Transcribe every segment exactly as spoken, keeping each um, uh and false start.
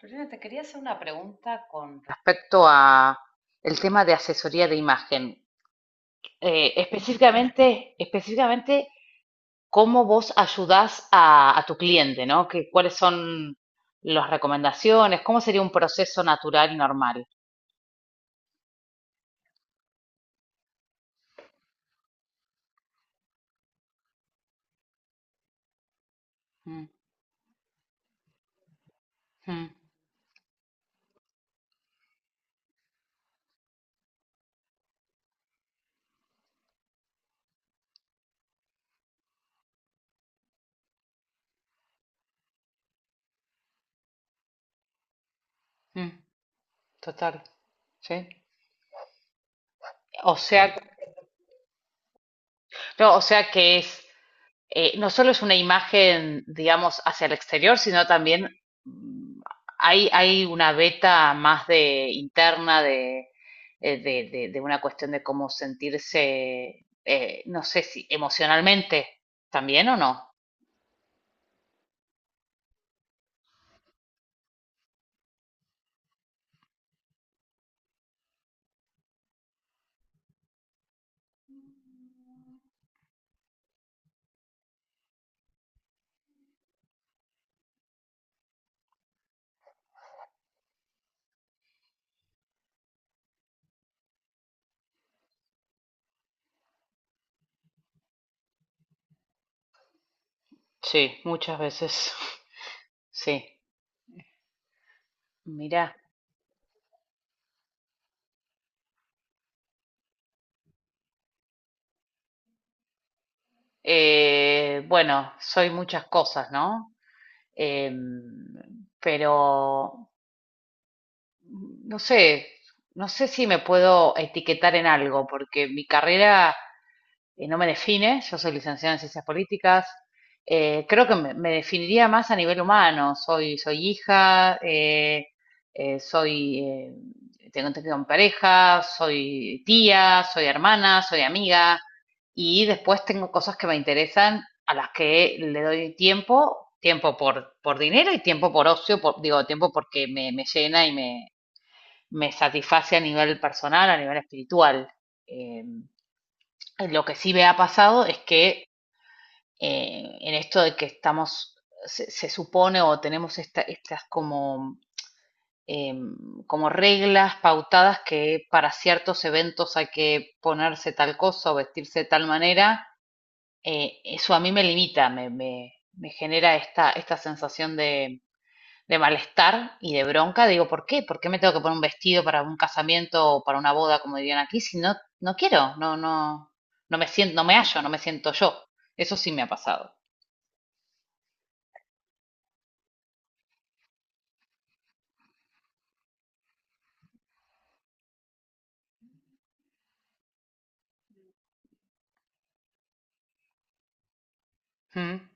Lorena, te quería hacer una pregunta con respecto a el tema de asesoría de imagen. Eh, específicamente, específicamente, cómo vos ayudás a, a tu cliente, ¿no? ¿Qué ¿Cuáles son las recomendaciones? ¿Cómo sería un proceso natural y normal? Mm, mm, mm, total, sí. O sea, no, o sea que es eh, no solo es una imagen, digamos, hacia el exterior, sino también mm, hay, hay una beta más de interna de, eh, de, de- de una cuestión de cómo sentirse, eh, no sé si emocionalmente también o no. Sí, muchas veces. Sí, mira. Eh, bueno, soy muchas cosas, ¿no? Em, pero no sé, no sé si me puedo etiquetar en algo, porque mi carrera eh, no me define. Yo soy licenciada en ciencias políticas. Eh, creo que me, me definiría más a nivel humano. Soy, soy hija, eh, eh, soy, eh, tengo tengo en pareja, soy tía, soy hermana, soy amiga, y después tengo cosas que me interesan a las que le doy tiempo, tiempo por, por dinero y tiempo por ocio, por- digo, tiempo porque me, me llena y me, me satisface a nivel personal, a nivel espiritual. Eh, lo que sí me ha pasado es que eh, en esto de que estamos, se, se supone o tenemos esta, estas como, eh, como reglas pautadas que para ciertos eventos hay que ponerse tal cosa o vestirse de tal manera. Eh, eso a mí me limita, me, me, me genera esta, esta sensación de, de malestar y de bronca. Digo, ¿por qué? ¿Por qué me tengo que poner un vestido para un casamiento o para una boda, como dirían aquí, si no, no quiero? No, no, no me siento, no me hallo, no me siento yo. Eso sí me ha pasado. Mm,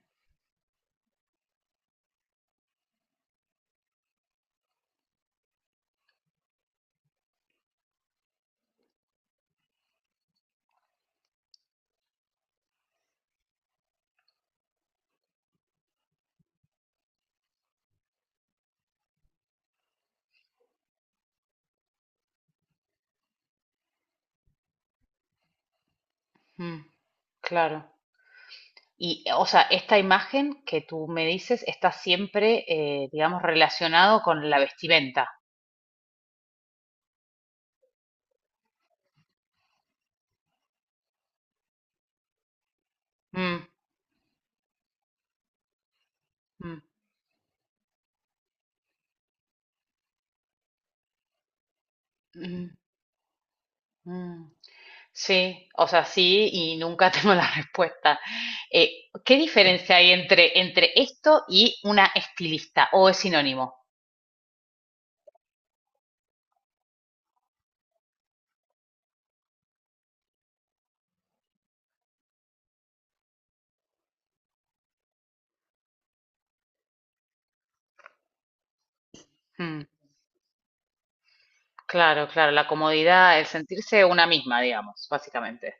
mm, claro. Y, o sea, esta imagen que tú me dices está siempre, eh, digamos, relacionado con la vestimenta. Mm, mm, mm, mm. Sí, o sea, sí, y nunca tengo la respuesta. Eh, ¿qué diferencia hay entre, entre esto y una estilista? ¿O es sinónimo? Mm, claro, claro, la comodidad, el sentirse una misma, digamos, básicamente.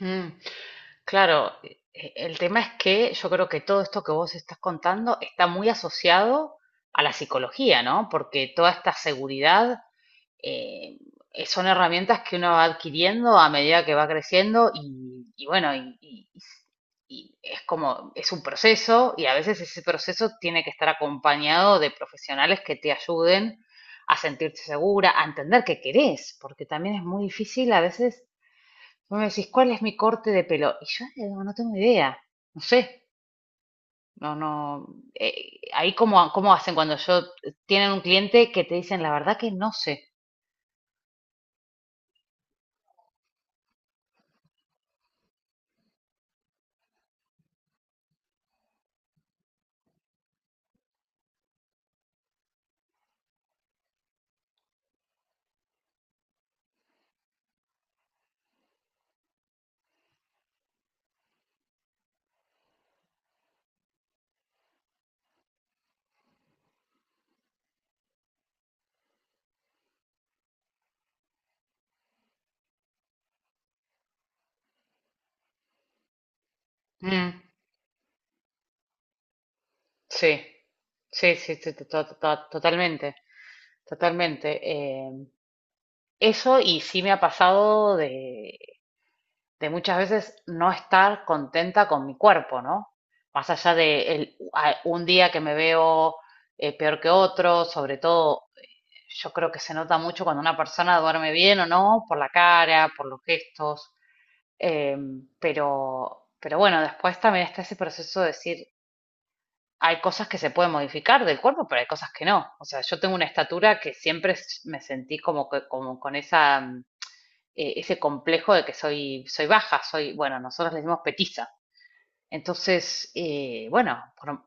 Mm, claro, e- e- el tema es que yo creo que todo esto que vos estás contando está muy asociado a la psicología, ¿no? Porque toda esta seguridad eh, eh, son herramientas que uno va adquiriendo a medida que va creciendo, y, y bueno, y, y- y es como, es un proceso, y a veces ese proceso tiene que estar acompañado de profesionales que te ayuden a sentirte segura, a entender qué querés, porque también es muy difícil a veces. Vos me decís, ¿cuál es mi corte de pelo? Y yo eh, no tengo idea, no sé. No, no, eh, ahí cómo cómo hacen cuando yo tienen un cliente que te dicen la verdad que no sé. Mm. Sí, sí, sí, sí, to- to- to- totalmente, totalmente. Eh, eso y sí me ha pasado de, de muchas veces no estar contenta con mi cuerpo, ¿no? Más allá de el- a- un día que me veo eh, peor que otro, sobre todo eh, yo creo que se nota mucho cuando una persona duerme bien o no, por la cara, por los gestos. eh, pero, pero bueno, después también está ese proceso de decir, hay cosas que se pueden modificar del cuerpo, pero hay cosas que no. O sea, yo tengo una estatura que siempre s- me sentí como que, como con esa, mm, eh, ese complejo de que soy, soy baja, soy, bueno, nosotros le decimos petiza. Entonces, eh, bueno, por,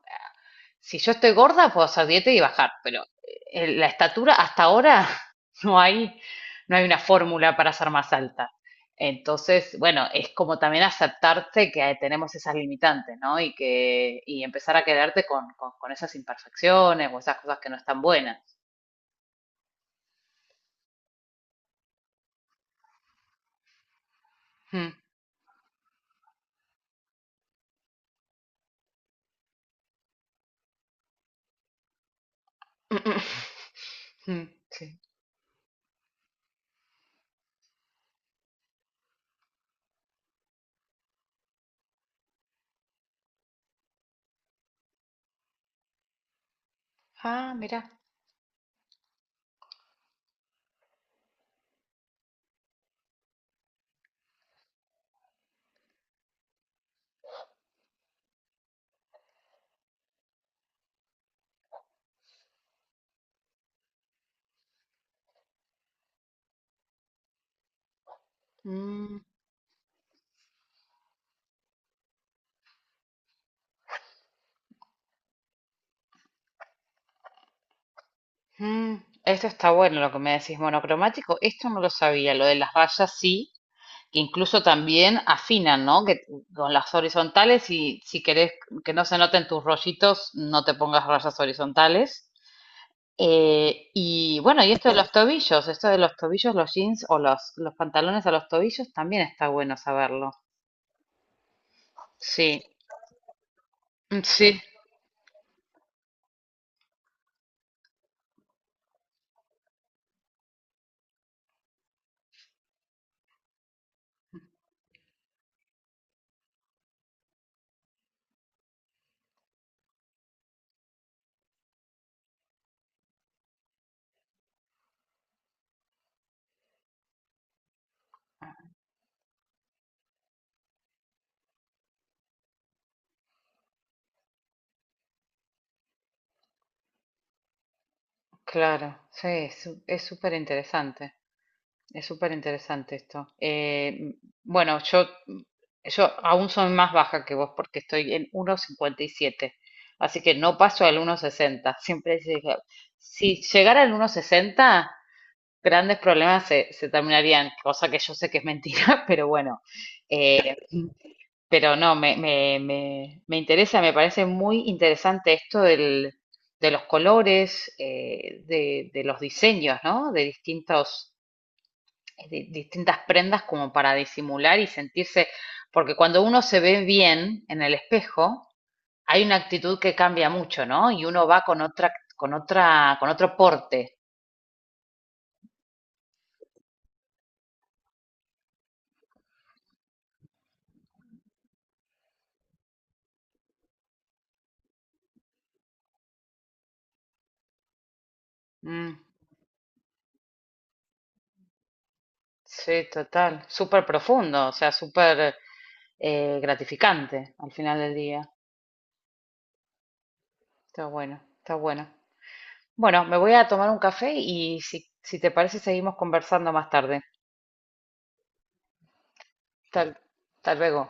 si yo estoy gorda, puedo hacer dieta y bajar, pero eh, eh, la estatura hasta ahora no hay, no hay una fórmula para ser más alta. Entonces, bueno, es como también aceptarte que tenemos esas limitantes, ¿no? Y que y empezar a quedarte con, con, con esas imperfecciones o esas cosas que no están buenas. Mm, mm, mm, mm, sí. Ah, mira. Mm, mm. Esto está bueno lo que me decís, monocromático. Esto no lo sabía, lo de las rayas sí, que incluso también afinan, ¿no? Que con las horizontales, y si querés que no se noten tus rollitos, no te pongas rayas horizontales. Eh, y bueno, y esto de los tobillos, esto de los tobillos, los jeans o los, los pantalones a los tobillos, también está bueno saberlo. Sí, sí, claro, sí, es su- es súper interesante. Es súper interesante esto. Eh, bueno, yo, yo aún soy más baja que vos porque estoy en uno coma cincuenta y siete. Así que no paso al uno coma sesenta. Siempre dije, si llegara al uno coma sesenta, grandes problemas se, se terminarían, cosa que yo sé que es mentira, pero bueno. Eh, pero no, me, me, me, me interesa, me parece muy interesante esto del, de los colores, eh, de, de los diseños, ¿no? De distintos eh, de- distintas prendas, como para disimular y sentirse, porque cuando uno se ve bien en el espejo, hay una actitud que cambia mucho, ¿no? Y uno va con otra, con otra, con otro porte. Mm, sí, total, súper profundo, o sea, súper eh, gratificante al final del día. Está bueno, está bueno. Bueno, me voy a tomar un café y si, si te parece seguimos conversando más tarde. Tal, tal luego.